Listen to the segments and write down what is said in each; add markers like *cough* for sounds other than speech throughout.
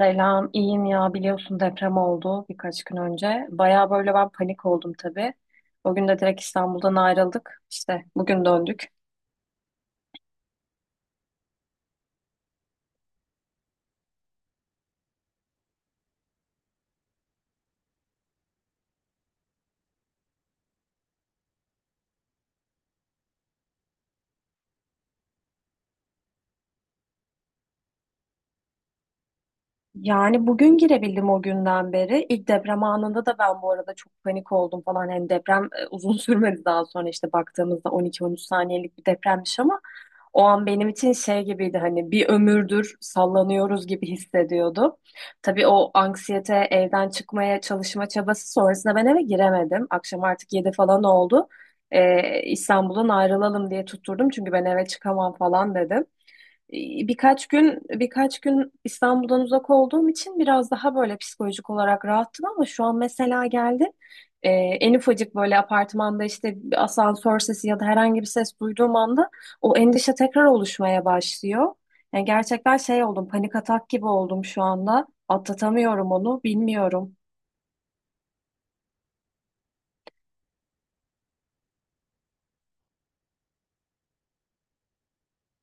Selam, iyiyim ya biliyorsun deprem oldu birkaç gün önce. Baya böyle ben panik oldum tabii. O gün de direkt İstanbul'dan ayrıldık. İşte bugün döndük. Yani bugün girebildim o günden beri. İlk deprem anında da ben bu arada çok panik oldum falan. Hani deprem *laughs* uzun sürmedi, daha sonra işte baktığımızda 12-13 saniyelik bir depremmiş ama o an benim için şey gibiydi, hani bir ömürdür sallanıyoruz gibi hissediyordum. Tabii o anksiyete, evden çıkmaya çalışma çabası sonrasında ben eve giremedim. Akşam artık 7 falan oldu. İstanbul'dan ayrılalım diye tutturdum çünkü ben eve çıkamam falan dedim. Birkaç gün İstanbul'dan uzak olduğum için biraz daha böyle psikolojik olarak rahattım ama şu an mesela geldim. En ufacık böyle apartmanda işte bir asansör sesi ya da herhangi bir ses duyduğum anda o endişe tekrar oluşmaya başlıyor. Yani gerçekten şey oldum, panik atak gibi oldum şu anda. Atlatamıyorum onu, bilmiyorum.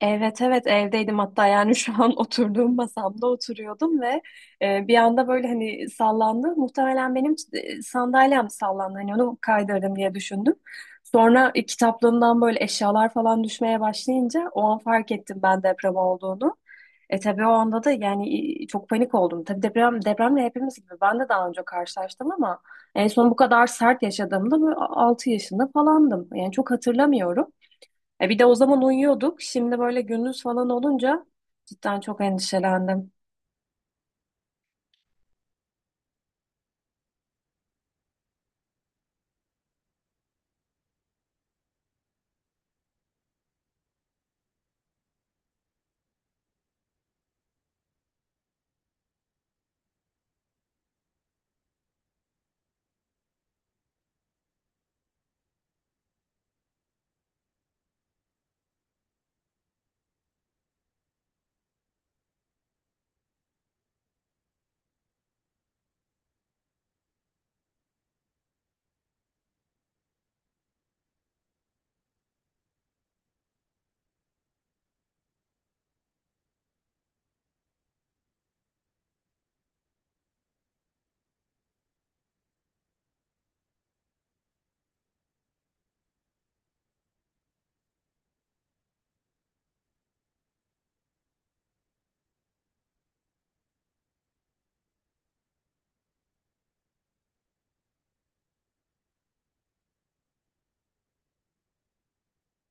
Evet, evet, evdeydim hatta. Yani şu an *laughs* oturduğum masamda oturuyordum ve bir anda böyle hani sallandı. Muhtemelen benim sandalyem sallandı, hani onu kaydırdım diye düşündüm. Sonra kitaplığımdan böyle eşyalar falan düşmeye başlayınca o an fark ettim ben deprem olduğunu. Tabii o anda da yani çok panik oldum. Tabii depremle hepimiz gibi ben de daha önce karşılaştım ama en son bu kadar sert yaşadığımda böyle 6 yaşında falandım. Yani çok hatırlamıyorum. Bir de o zaman uyuyorduk. Şimdi böyle gündüz falan olunca cidden çok endişelendim.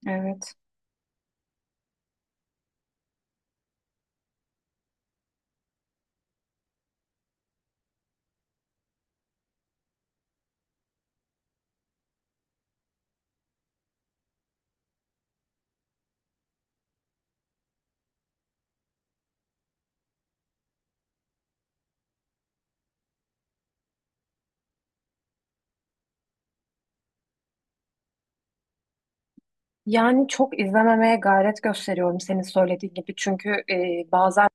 Evet. Yani çok izlememeye gayret gösteriyorum senin söylediğin gibi. Çünkü bazen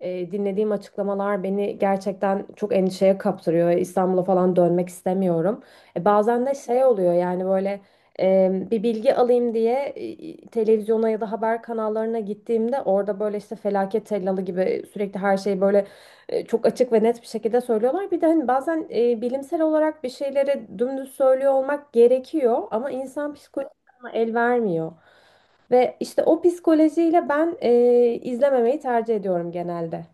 Dinlediğim açıklamalar beni gerçekten çok endişeye kaptırıyor. İstanbul'a falan dönmek istemiyorum. Bazen de şey oluyor yani, böyle bir bilgi alayım diye televizyona ya da haber kanallarına gittiğimde, orada böyle işte felaket tellalı gibi sürekli her şeyi böyle çok açık ve net bir şekilde söylüyorlar. Bir de hani bazen bilimsel olarak bir şeyleri dümdüz söylüyor olmak gerekiyor ama insan psikolojisine el vermiyor. Ve işte o psikolojiyle ben izlememeyi tercih ediyorum genelde.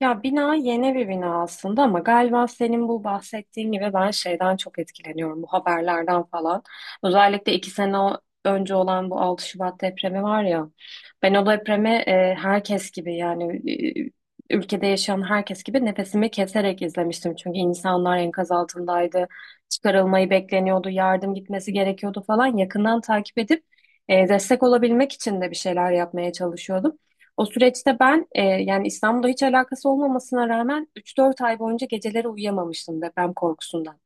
Ya bina yeni bir bina aslında ama galiba senin bu bahsettiğin gibi ben şeyden çok etkileniyorum, bu haberlerden falan. Özellikle 2 sene önce olan bu 6 Şubat depremi var ya, ben o depremi herkes gibi yani ülkede yaşayan herkes gibi nefesimi keserek izlemiştim. Çünkü insanlar enkaz altındaydı, çıkarılmayı bekleniyordu, yardım gitmesi gerekiyordu falan. Yakından takip edip destek olabilmek için de bir şeyler yapmaya çalışıyordum. O süreçte ben yani İstanbul'da hiç alakası olmamasına rağmen 3-4 ay boyunca geceleri uyuyamamıştım deprem korkusundan.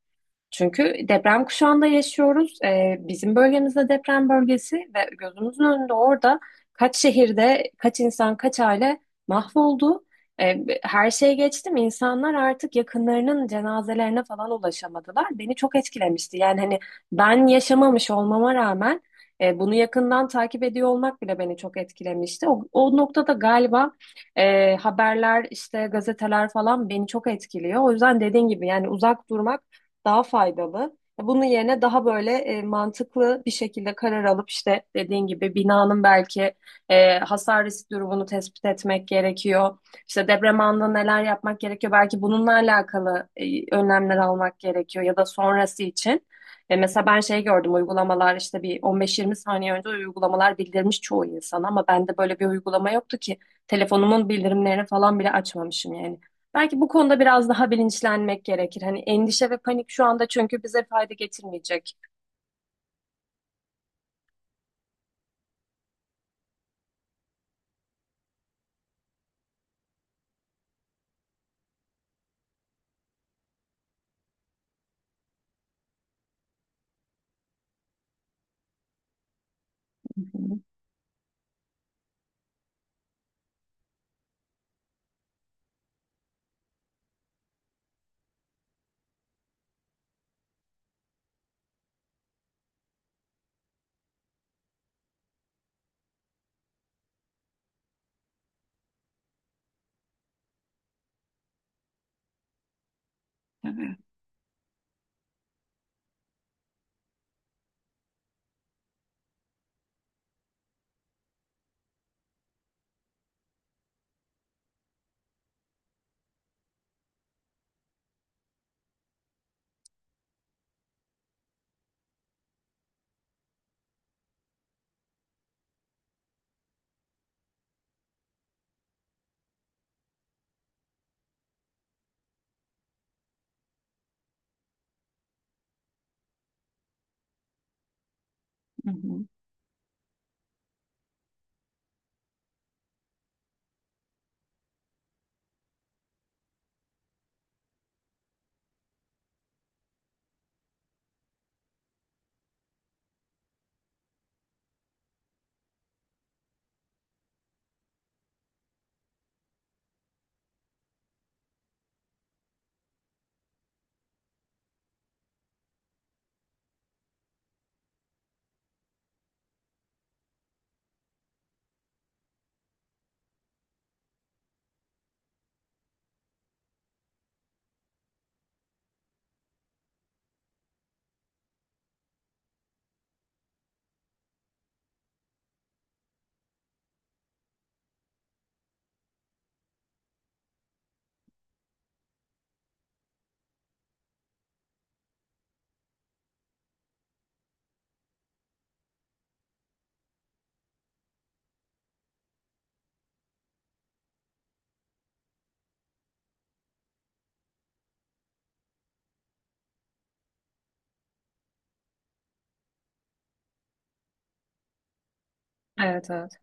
Çünkü deprem kuşağında yaşıyoruz. Bizim bölgemizde deprem bölgesi ve gözümüzün önünde orada kaç şehirde kaç insan kaç aile mahvoldu. Her şeye geçtim. İnsanlar artık yakınlarının cenazelerine falan ulaşamadılar. Beni çok etkilemişti. Yani hani ben yaşamamış olmama rağmen bunu yakından takip ediyor olmak bile beni çok etkilemişti. O noktada galiba haberler işte gazeteler falan beni çok etkiliyor. O yüzden dediğin gibi yani uzak durmak daha faydalı. Bunun yerine daha böyle mantıklı bir şekilde karar alıp işte dediğin gibi binanın belki hasar risk durumunu tespit etmek gerekiyor. İşte deprem anında neler yapmak gerekiyor? Belki bununla alakalı önlemler almak gerekiyor, ya da sonrası için. Mesela ben şey gördüm, uygulamalar işte bir 15-20 saniye önce uygulamalar bildirmiş çoğu insan ama bende böyle bir uygulama yoktu ki, telefonumun bildirimlerini falan bile açmamışım yani. Belki bu konuda biraz daha bilinçlenmek gerekir. Hani endişe ve panik şu anda çünkü bize fayda getirmeyecek. Hı hı, hı hı. Evet, evet.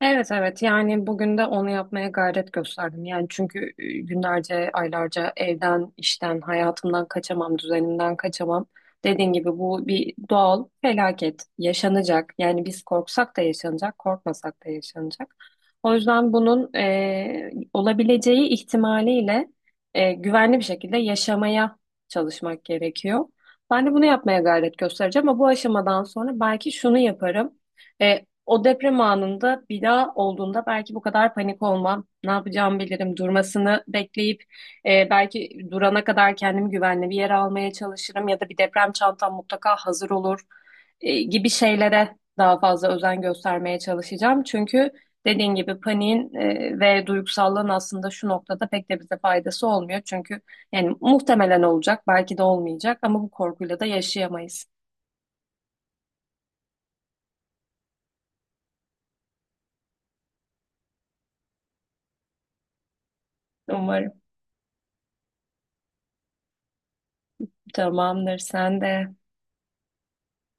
Evet, evet, yani bugün de onu yapmaya gayret gösterdim. Yani çünkü günlerce, aylarca evden, işten, hayatımdan kaçamam, düzenimden kaçamam. Dediğin gibi bu bir doğal felaket, yaşanacak. Yani biz korksak da yaşanacak, korkmasak da yaşanacak. O yüzden bunun olabileceği ihtimaliyle güvenli bir şekilde yaşamaya çalışmak gerekiyor. Ben de bunu yapmaya gayret göstereceğim ama bu aşamadan sonra belki şunu yaparım. O deprem anında bir daha olduğunda belki bu kadar panik olmam. Ne yapacağımı bilirim. Durmasını bekleyip belki durana kadar kendimi güvenli bir yere almaya çalışırım ya da bir deprem çantam mutlaka hazır olur gibi şeylere daha fazla özen göstermeye çalışacağım. Çünkü dediğin gibi paniğin ve duygusallığın aslında şu noktada pek de bize faydası olmuyor. Çünkü yani muhtemelen olacak, belki de olmayacak ama bu korkuyla da yaşayamayız. Umarım. Tamamdır, sen de.